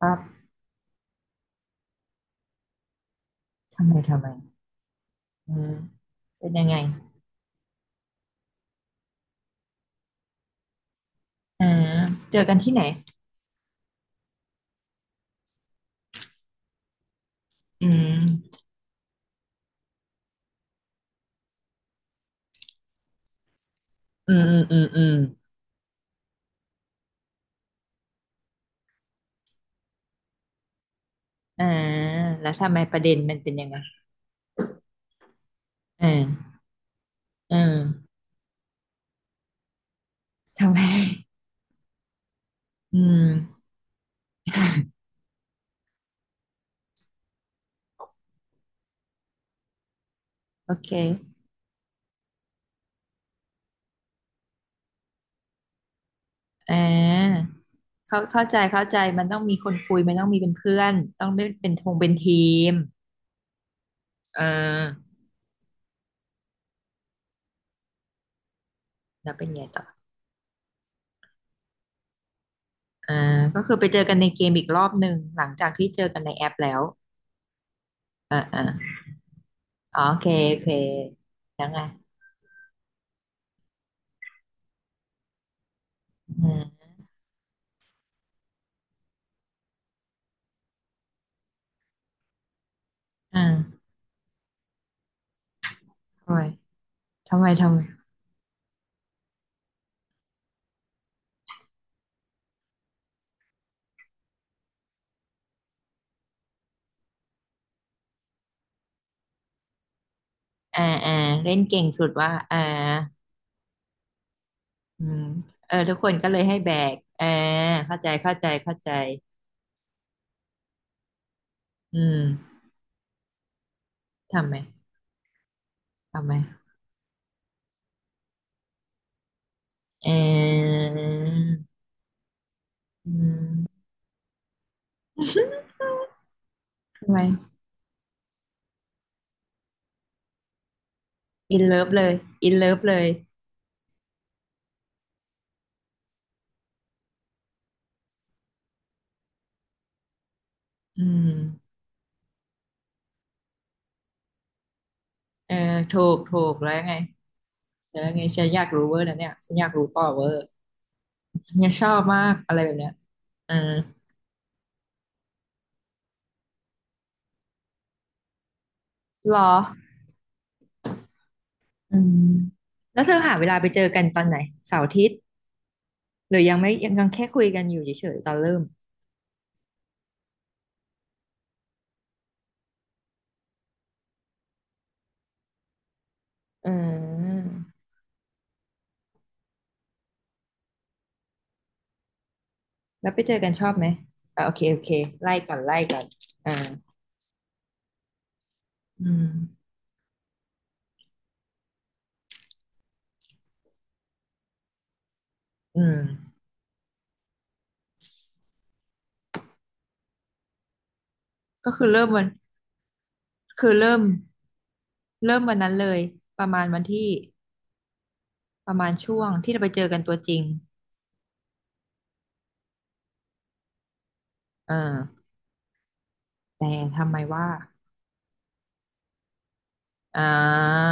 ปั๊บทำไมทำไมอืมเป็นยังไงอ่าเจอกันที่ไหนอืมอืมอืมอืมอืมอ่าแล้วทำไมประเด็นมันเป็นยังไงอ่าอืมทำไมอืมโอเคอ่าเข้าเข้าใจมันต้องมีคนคุยมันต้องมีเป็นเพื่อนต้องไม่เป็นทงเป็นทีมเออแล้วเป็นไงต่ออ่าก็คือไปเจอกันในเกมอีกรอบหนึ่งหลังจากที่เจอกันในแอปแล้วอ่าอ่าอ๋อโอเคโอเคแล้วไงอืมอ่า โอ้ยทำไมทำไมอ่าอ่าเล่นเก่งสุดว่าอืมเออทุกคนก็เลยให้แบกเออเข้าใจเข้าใจเข้าใจอืมทำไมทำไมเอออืมทำไมอินเลิฟเลยอินเลิฟเลยอืมเออถูกถูกแล้วไงแล้วไงฉันอยากรู้เวอร์นะเนี่ยฉันอยากรู้ต่อเวอร์เนี่ยชอบมากอะไรแบบเนี้ยเออหรออืมแล้วเธอหาเวลาไปเจอกันตอนไหนเสาร์อาทิตย์ หรือยังไม่ยังแค่คุยกันอยู่เฉยๆตอนเริ่มอืมแล้วไปเจอกันชอบไหมโอเคโอเคไล่ก่อนไล่ก่อนอ่าอืมอืมก็คือเริ่มวันคือเริ่มเริ่มวันนั้นเลยประมาณวันที่ประมาณช่วงที่เราไปเจอกันตัวจริงเออแต่ทำไมว่าอ่า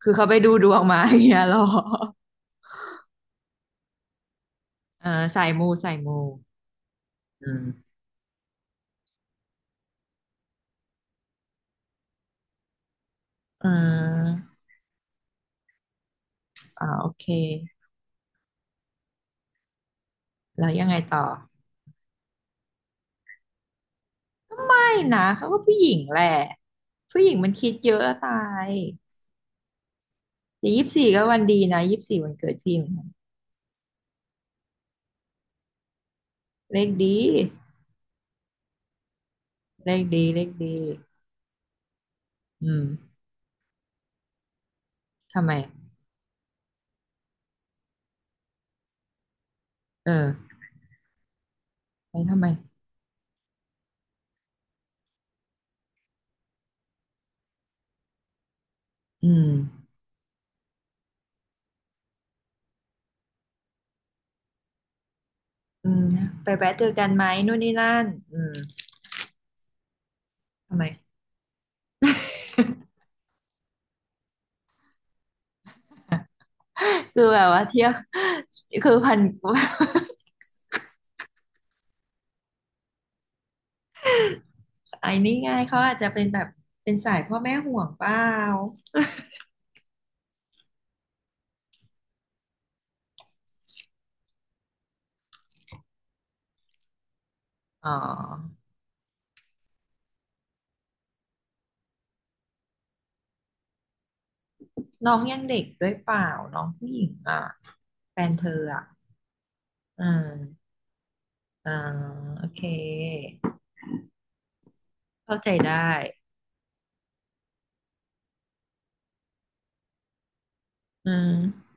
คือเขาไปดูดวงมา อย่างเงี้ยหรอเออสายมูสายมูอืมอืมโอเคแล้วยังไงต่อไม่นะเขาก็ผู้หญิงแหละ ผู้หญิงมันคิดเยอะอะตายแต่24ก็วันดีนะยี่สิบสี่วันเกิดพี่เหมือนกันเลขดีเลขดีเลขดีอืมทำไม เออไม่ทำไมอืมนะไปแวะเจอกันไหมนู่นนี่นั่นอืมทำไมคือแบบว่าเที่ยว คือพัน ไอ้นี่ไง่ายเขาอาจจะเป็นแบบเป็นสายพ่อแม่ห่วงเปล่าอ๋อน้องยังเด็กด้วยเปล่าน้องผู้หญิงอ่ะแฟนเธออ่ะอืมอ่าโอเคเข้าใจได้ อ่า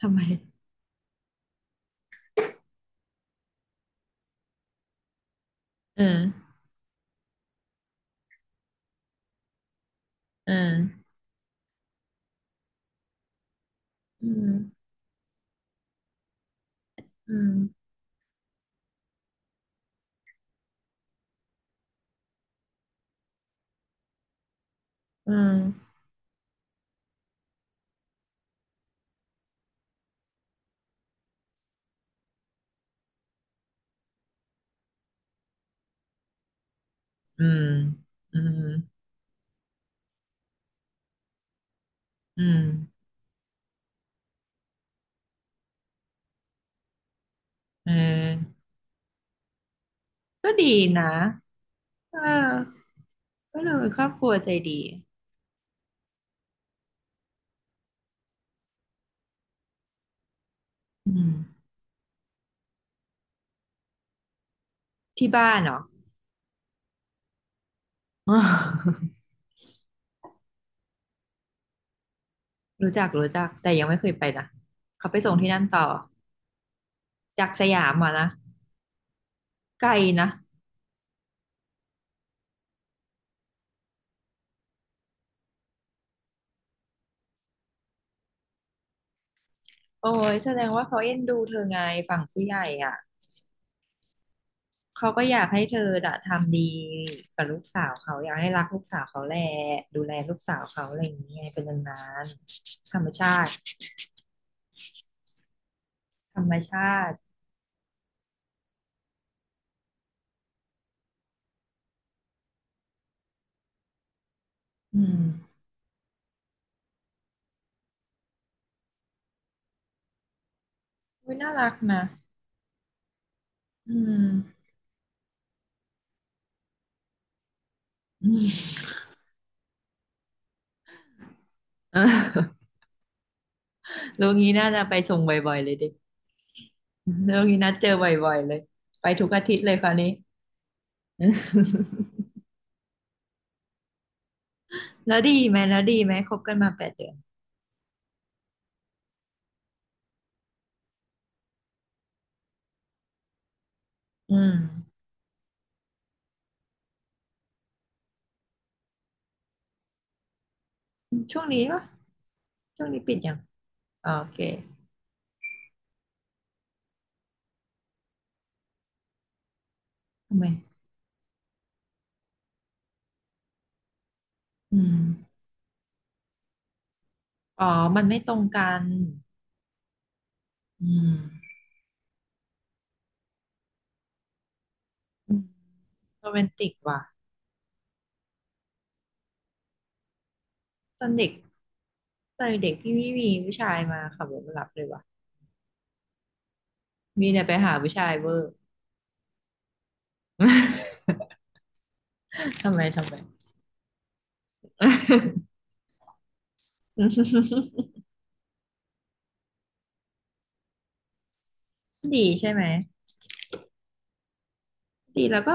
ทำไมอ่าอ่าอืมอืมอืมอืมอืมอืมเออก็ดีนะเออก็เลยครอบครัวใจดีอืมที่บ้านเหรออ๋อรู้จักรู้จักแต่ยังไม่เคยไปนะเขาไปส่งที่นั่นต่อจากสยามมานะไกลนะโอ้ยแสดงว่าเขาเอ็นดูเธอไงฝั่งผู้ใหญ่อ่ะ เขาก็อยากให้เธออะทำดีกับลูกสาวเขาอยากให้รักลูกสาวเขาแหละดูแลลูกสาวเขาอะไรอย่างเงี้ยเป็นนานๆธรรมชาติธรรมชาติอืมอุ๊ยน่ารักนะอืมอืม เออโรงนี้น่าจะไปส่งบ่อยๆเลยดิ โรงนี้นัดเจอบ่อยๆเลยไปทุกอาทิตย์เลยคราวนี้ แล้วดีไหมแล้วดีไหมคบกันมา8 เดือนอืมช่วงนี้ปะช่วงนี้ปิดยังอ๋อโอเคทำไมอืมอ๋อมันไม่ตรงกัน อืมโรแมนติกว่ะตอนเด็กตอนเด็กพี่ไม่มีผู้ชายมาขับรถมารับเลยว่ะมีแต่ไปหาผู้ชายเวอร์ ทำไมทำไม ดีใช่ไหมดีแล้วก็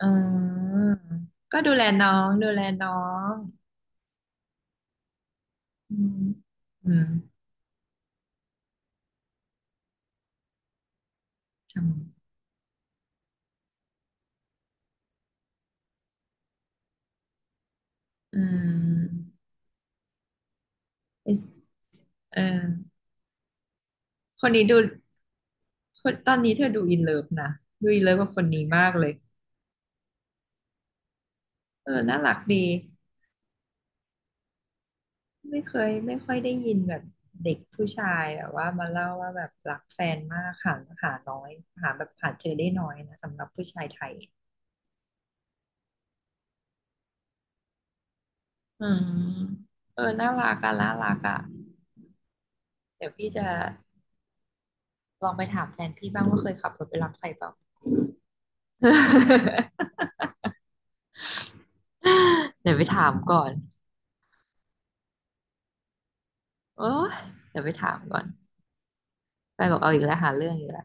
เออก็ดูแลน้องดูแลน้องอืมอืมทำมเอ๊ะเออคนนี้ดูคนตอนนี้เธอดูอินเลิฟนะดูอินเลิฟกับคนนี้มากเลยเออน่ารักดี ไม่เคยไม่ค่อยได้ยินแบบเด็กผู้ชายแบบว่ามาเล่าว่าแบบรักแฟนมากหาหาน้อยหาแบบหาเจอได้น้อยนะสำหรับผู้ชายไทยอืมเออน่ารักอะน่ารักอะเดี๋ยวพี่จะลองไปถามแฟนพี่บ้างว่าเคยขับรถไปรับใครเปล่า เดี๋ยวไปถามก่อนโอ้เดี๋ยวไปถามก่อนไปบอกเอาอีกแล้วหาเรื่องอีกแล้ว